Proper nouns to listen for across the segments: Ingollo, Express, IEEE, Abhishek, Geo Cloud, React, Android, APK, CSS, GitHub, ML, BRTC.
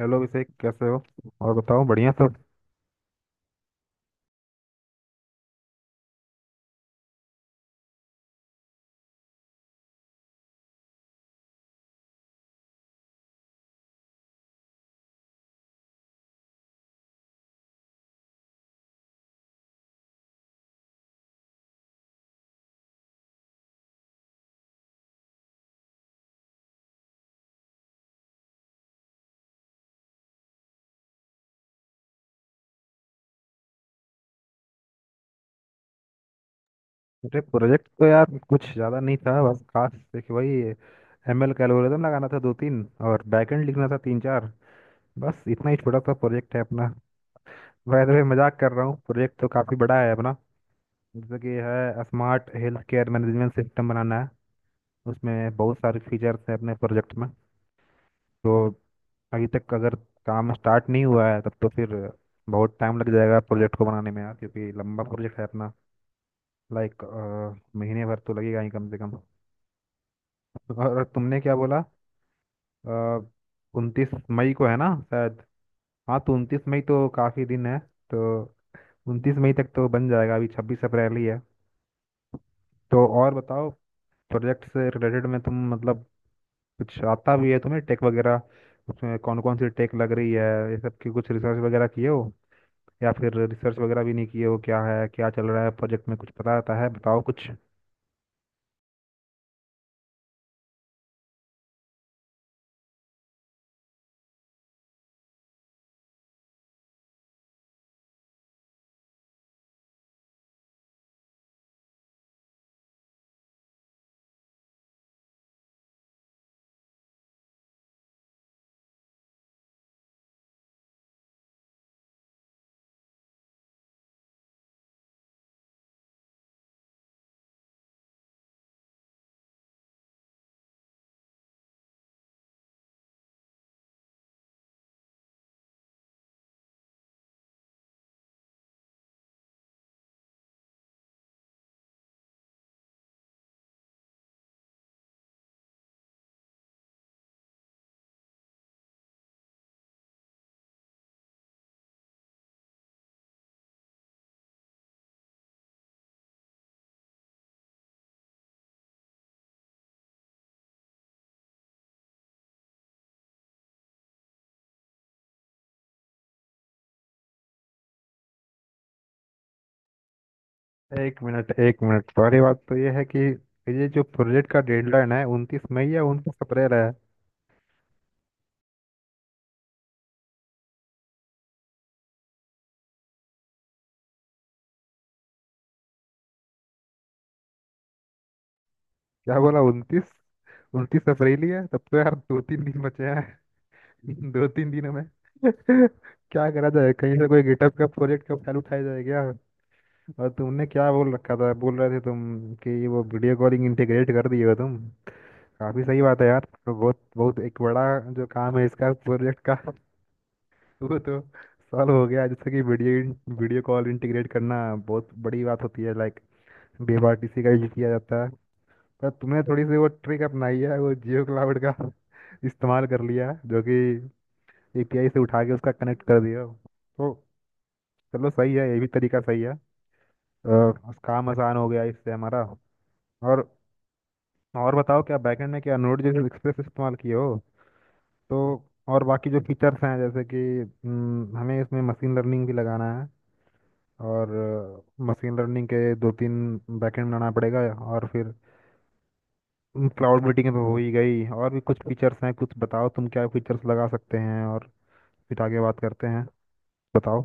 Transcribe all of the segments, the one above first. Hello Abhishek कैसे हो। और बताओ बढ़िया सब। अरे प्रोजेक्ट तो यार कुछ ज़्यादा नहीं था, बस खास देखिए वही एमएल का एल्गोरिदम लगाना था दो तीन। और बैकएंड लिखना था तीन चार। बस इतना ही छोटा सा प्रोजेक्ट है अपना। वैसे तो मैं मजाक कर रहा हूँ, प्रोजेक्ट तो काफ़ी बड़ा है अपना। जैसे कि है, smart health care management system बनाना है। उसमें बहुत सारे फीचर्स हैं अपने प्रोजेक्ट में। तो अभी तक अगर काम स्टार्ट नहीं हुआ है तब तो फिर बहुत टाइम लग जाएगा प्रोजेक्ट को बनाने में यार, क्योंकि लंबा प्रोजेक्ट है अपना। लाइक महीने भर तो लगेगा ही कम से कम। और तुमने क्या बोला, 29 मई को है ना शायद? हाँ, तो 29 मई तो काफ़ी दिन है। तो उनतीस मई तक तो बन जाएगा, अभी 26 अप्रैल ही है। तो और बताओ, प्रोजेक्ट से रिलेटेड में तुम मतलब कुछ आता भी है तुम्हें टेक वगैरह? उसमें कौन कौन सी टेक लग रही है, ये सब की कुछ रिसर्च वगैरह किए हो या फिर रिसर्च वगैरह भी नहीं किए हो? क्या है, क्या चल रहा है प्रोजेक्ट में, कुछ पता रहता है? बताओ कुछ। एक मिनट एक मिनट, सारी बात तो ये है कि ये जो प्रोजेक्ट का डेडलाइन है, 29 मई या 29 अप्रैल है? क्या बोला, उनतीस? 29 अप्रैल ही है, तब तो यार 2 3 दिन बचे हैं। 2 3 दिनों में क्या करा जाए, कहीं से कोई गिटहब का प्रोजेक्ट का फाइल उठाया जाए क्या? और तुमने क्या बोल रखा था, बोल रहे थे तुम कि वो वीडियो कॉलिंग इंटीग्रेट कर दिए हो तुम। काफी सही बात है यार। तो बहुत बहुत एक बड़ा जो काम है इसका प्रोजेक्ट का, वो तो सॉल्व हो गया। जैसे कि वीडियो वीडियो कॉल इंटीग्रेट करना बहुत बड़ी बात होती है, लाइक बीआरटीसी का यूज किया जाता है। पर तुमने थोड़ी सी वो ट्रिक अपनाई है, वो जियो क्लाउड का इस्तेमाल कर लिया है, जो कि एपीआई से उठा के उसका कनेक्ट कर दिया। तो चलो, सही है, ये भी तरीका सही है। अ, काम आसान हो गया इससे हमारा। और और बताओ, क्या बैकएंड में क्या नोड जैसे एक्सप्रेस इस्तेमाल किए हो? तो और बाकी जो फीचर्स हैं, जैसे कि हमें इसमें मशीन लर्निंग भी लगाना है। और मशीन लर्निंग के दो तीन बैकएंड बनाना पड़ेगा। और फिर क्लाउड मीटिंग तो हो ही गई, और भी कुछ फीचर्स हैं, कुछ बताओ तुम क्या फीचर्स लगा सकते हैं, और फिर आगे बात करते हैं। बताओ।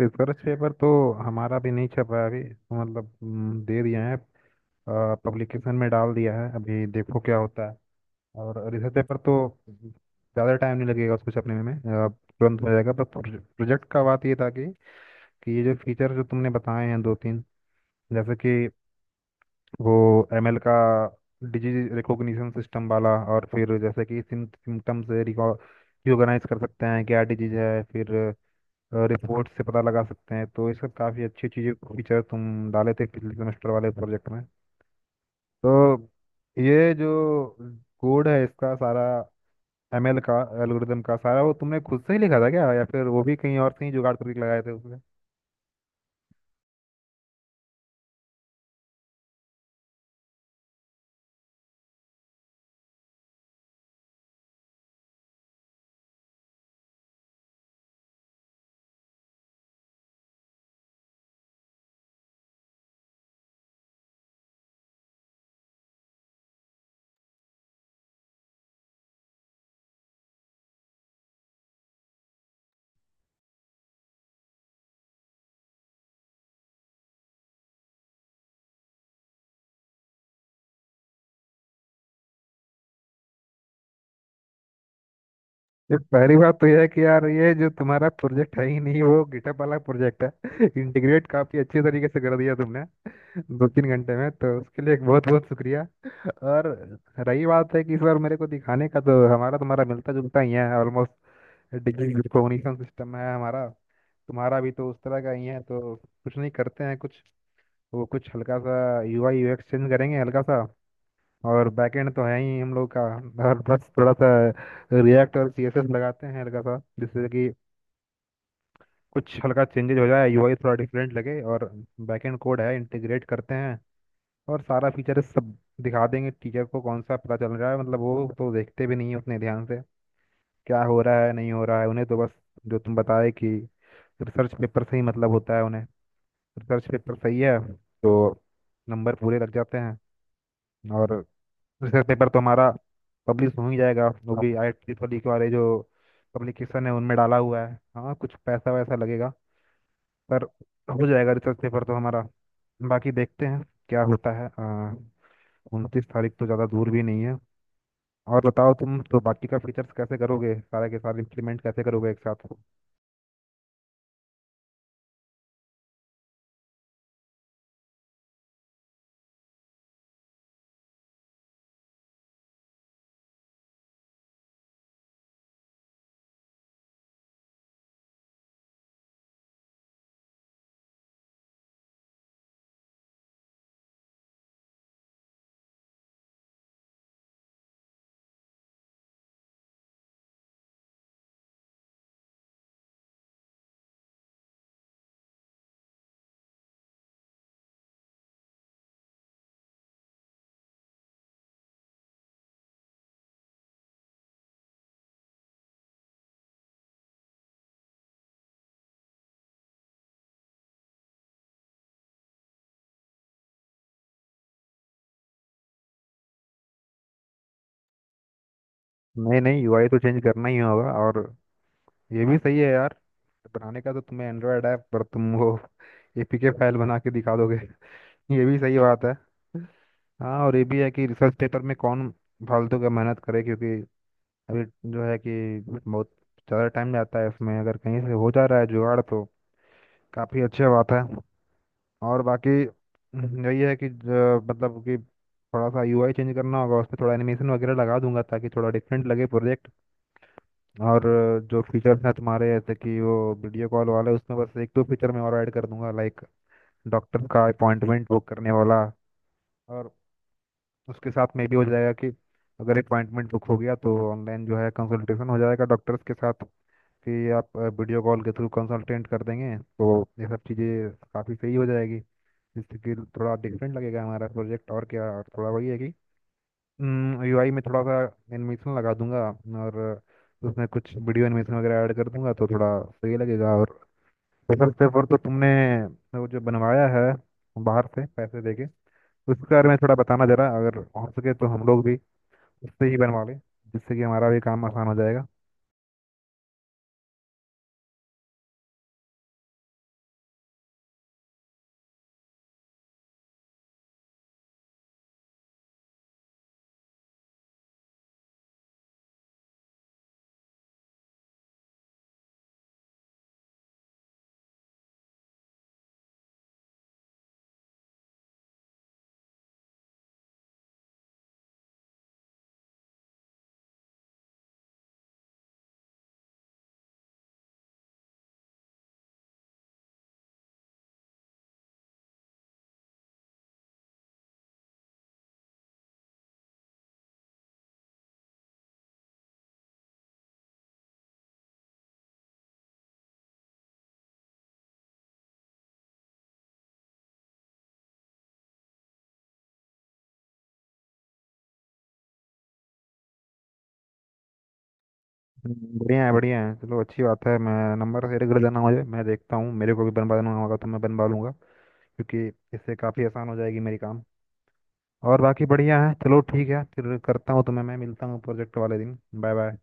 रिसर्च पेपर तो हमारा भी नहीं छप रहा है अभी, तो मतलब दे दिया है, पब्लिकेशन में डाल दिया है, अभी देखो क्या होता है। और रिसर्च पेपर तो ज़्यादा टाइम नहीं लगेगा उसको छपने में, तुरंत हो जाएगा। पर प्रोजेक्ट का बात ये था कि ये जो फीचर जो तुमने बताए हैं दो तीन, जैसे कि वो एमएल का डिजीज रिकॉग्निशन सिस्टम वाला, और फिर जैसे कि सिम्टम्स रिकॉग्नाइज कर सकते हैं क्या डिजीज है, फिर रिपोर्ट से पता लगा सकते हैं, तो ये सब काफ़ी अच्छी चीज़ें फीचर तुम डाले थे पिछले सेमेस्टर वाले प्रोजेक्ट में। तो ये जो कोड है इसका सारा, एमएल का एल्गोरिदम का सारा, वो तुमने खुद से ही लिखा था क्या या फिर वो भी कहीं और से ही जुगाड़ करके लगाए थे? ये पहली बात तो यह है कि यार ये जो तुम्हारा प्रोजेक्ट है ही नहीं, वो गिटअप वाला प्रोजेक्ट है। इंटीग्रेट काफी अच्छे तरीके से कर दिया तुमने 2 3 घंटे में, तो उसके लिए बहुत बहुत शुक्रिया। और रही बात है कि इस बार मेरे को दिखाने का, तो हमारा तुम्हारा मिलता जुलता ही है ऑलमोस्ट। डिग्री रिकॉग्निशन सिस्टम है हमारा, तुम्हारा भी तो उस तरह का ही है। तो कुछ नहीं करते हैं, कुछ वो कुछ हल्का सा यूआई यूएक्स चेंज करेंगे हल्का सा। और बैकएंड तो है ही हम लोग का। और बस थोड़ा सा रिएक्ट और सीएसएस लगाते हैं हल्का सा, जिससे कि कुछ हल्का चेंजेज हो जाए, यूआई थोड़ा डिफरेंट लगे। और बैकएंड कोड है इंटीग्रेट करते हैं। और सारा फीचर सब दिखा देंगे टीचर को, कौन सा पता चल रहा है, मतलब वो तो देखते भी नहीं है उतने ध्यान से क्या हो रहा है नहीं हो रहा है। उन्हें तो बस जो तुम बताए कि रिसर्च पेपर से ही मतलब होता है उन्हें, रिसर्च पेपर सही है तो नंबर पूरे लग जाते हैं। और रिसर्च पेपर तो हमारा पब्लिश हो ही जाएगा, वो भी आई ट्रिपल ई के वाले जो पब्लिकेशन है उनमें डाला हुआ है। हाँ, कुछ पैसा वैसा लगेगा, पर हो जाएगा रिसर्च पेपर तो हमारा। बाकी देखते हैं क्या होता है। 29 तारीख तो ज़्यादा दूर भी नहीं है। और बताओ तुम तो बाकी का फीचर्स कैसे करोगे, सारे के सारे इम्प्लीमेंट कैसे करोगे एक साथ? नहीं नहीं, यूआई तो चेंज करना ही होगा। और ये भी सही है यार, बनाने का तो तुम्हें एंड्रॉयड ऐप, पर तुम वो एपीके फाइल बना के दिखा दोगे। ये भी सही बात है। हाँ, और ये भी है कि रिसर्च पेपर में कौन फालतू का मेहनत करे, क्योंकि अभी जो है कि बहुत ज़्यादा टाइम जाता है इसमें। अगर कहीं से हो जा रहा है जुगाड़, तो काफ़ी अच्छी बात है। और बाकी यही है कि मतलब कि थोड़ा सा यूआई चेंज करना होगा, उस पर थोड़ा एनिमेशन वगैरह लगा दूंगा ताकि थोड़ा डिफरेंट लगे प्रोजेक्ट। और जो फीचर्स हैं तुम्हारे, जैसे कि वो वीडियो कॉल वाला, उसमें बस एक दो फीचर मैं और ऐड कर दूंगा, लाइक डॉक्टर का अपॉइंटमेंट बुक करने वाला। और उसके साथ में भी हो जाएगा कि अगर अपॉइंटमेंट बुक हो गया तो ऑनलाइन जो है कंसल्टेशन हो जाएगा डॉक्टर्स के साथ, कि आप वीडियो कॉल के थ्रू कंसल्टेंट कर देंगे। तो ये सब चीज़ें काफ़ी सही हो जाएगी, जिससे कि थोड़ा डिफरेंट लगेगा हमारा प्रोजेक्ट। और क्या, और थोड़ा वही है कि यूआई में थोड़ा सा एनिमेशन लगा दूंगा, और उसमें कुछ वीडियो एनिमेशन वगैरह ऐड कर दूंगा तो थोड़ा सही लगेगा। और स्पेशल पेपर तो तुमने वो जो बनवाया है बाहर से पैसे देके, उसके बारे में थोड़ा बताना जरा, अगर हो सके तो हम लोग भी उससे ही बनवा लें, जिससे कि हमारा भी काम आसान हो जाएगा। बढ़िया है बढ़िया है, चलो अच्छी बात है। मैं नंबर तेरे घर जाना मुझे, मैं देखता हूँ, मेरे को भी बनवाना होगा तो मैं बनवा लूँगा, क्योंकि इससे काफ़ी आसान हो जाएगी मेरी काम। और बाकी बढ़िया है, चलो ठीक है, फिर करता हूँ तुम्हें, मैं मिलता हूँ प्रोजेक्ट वाले दिन। Bye bye.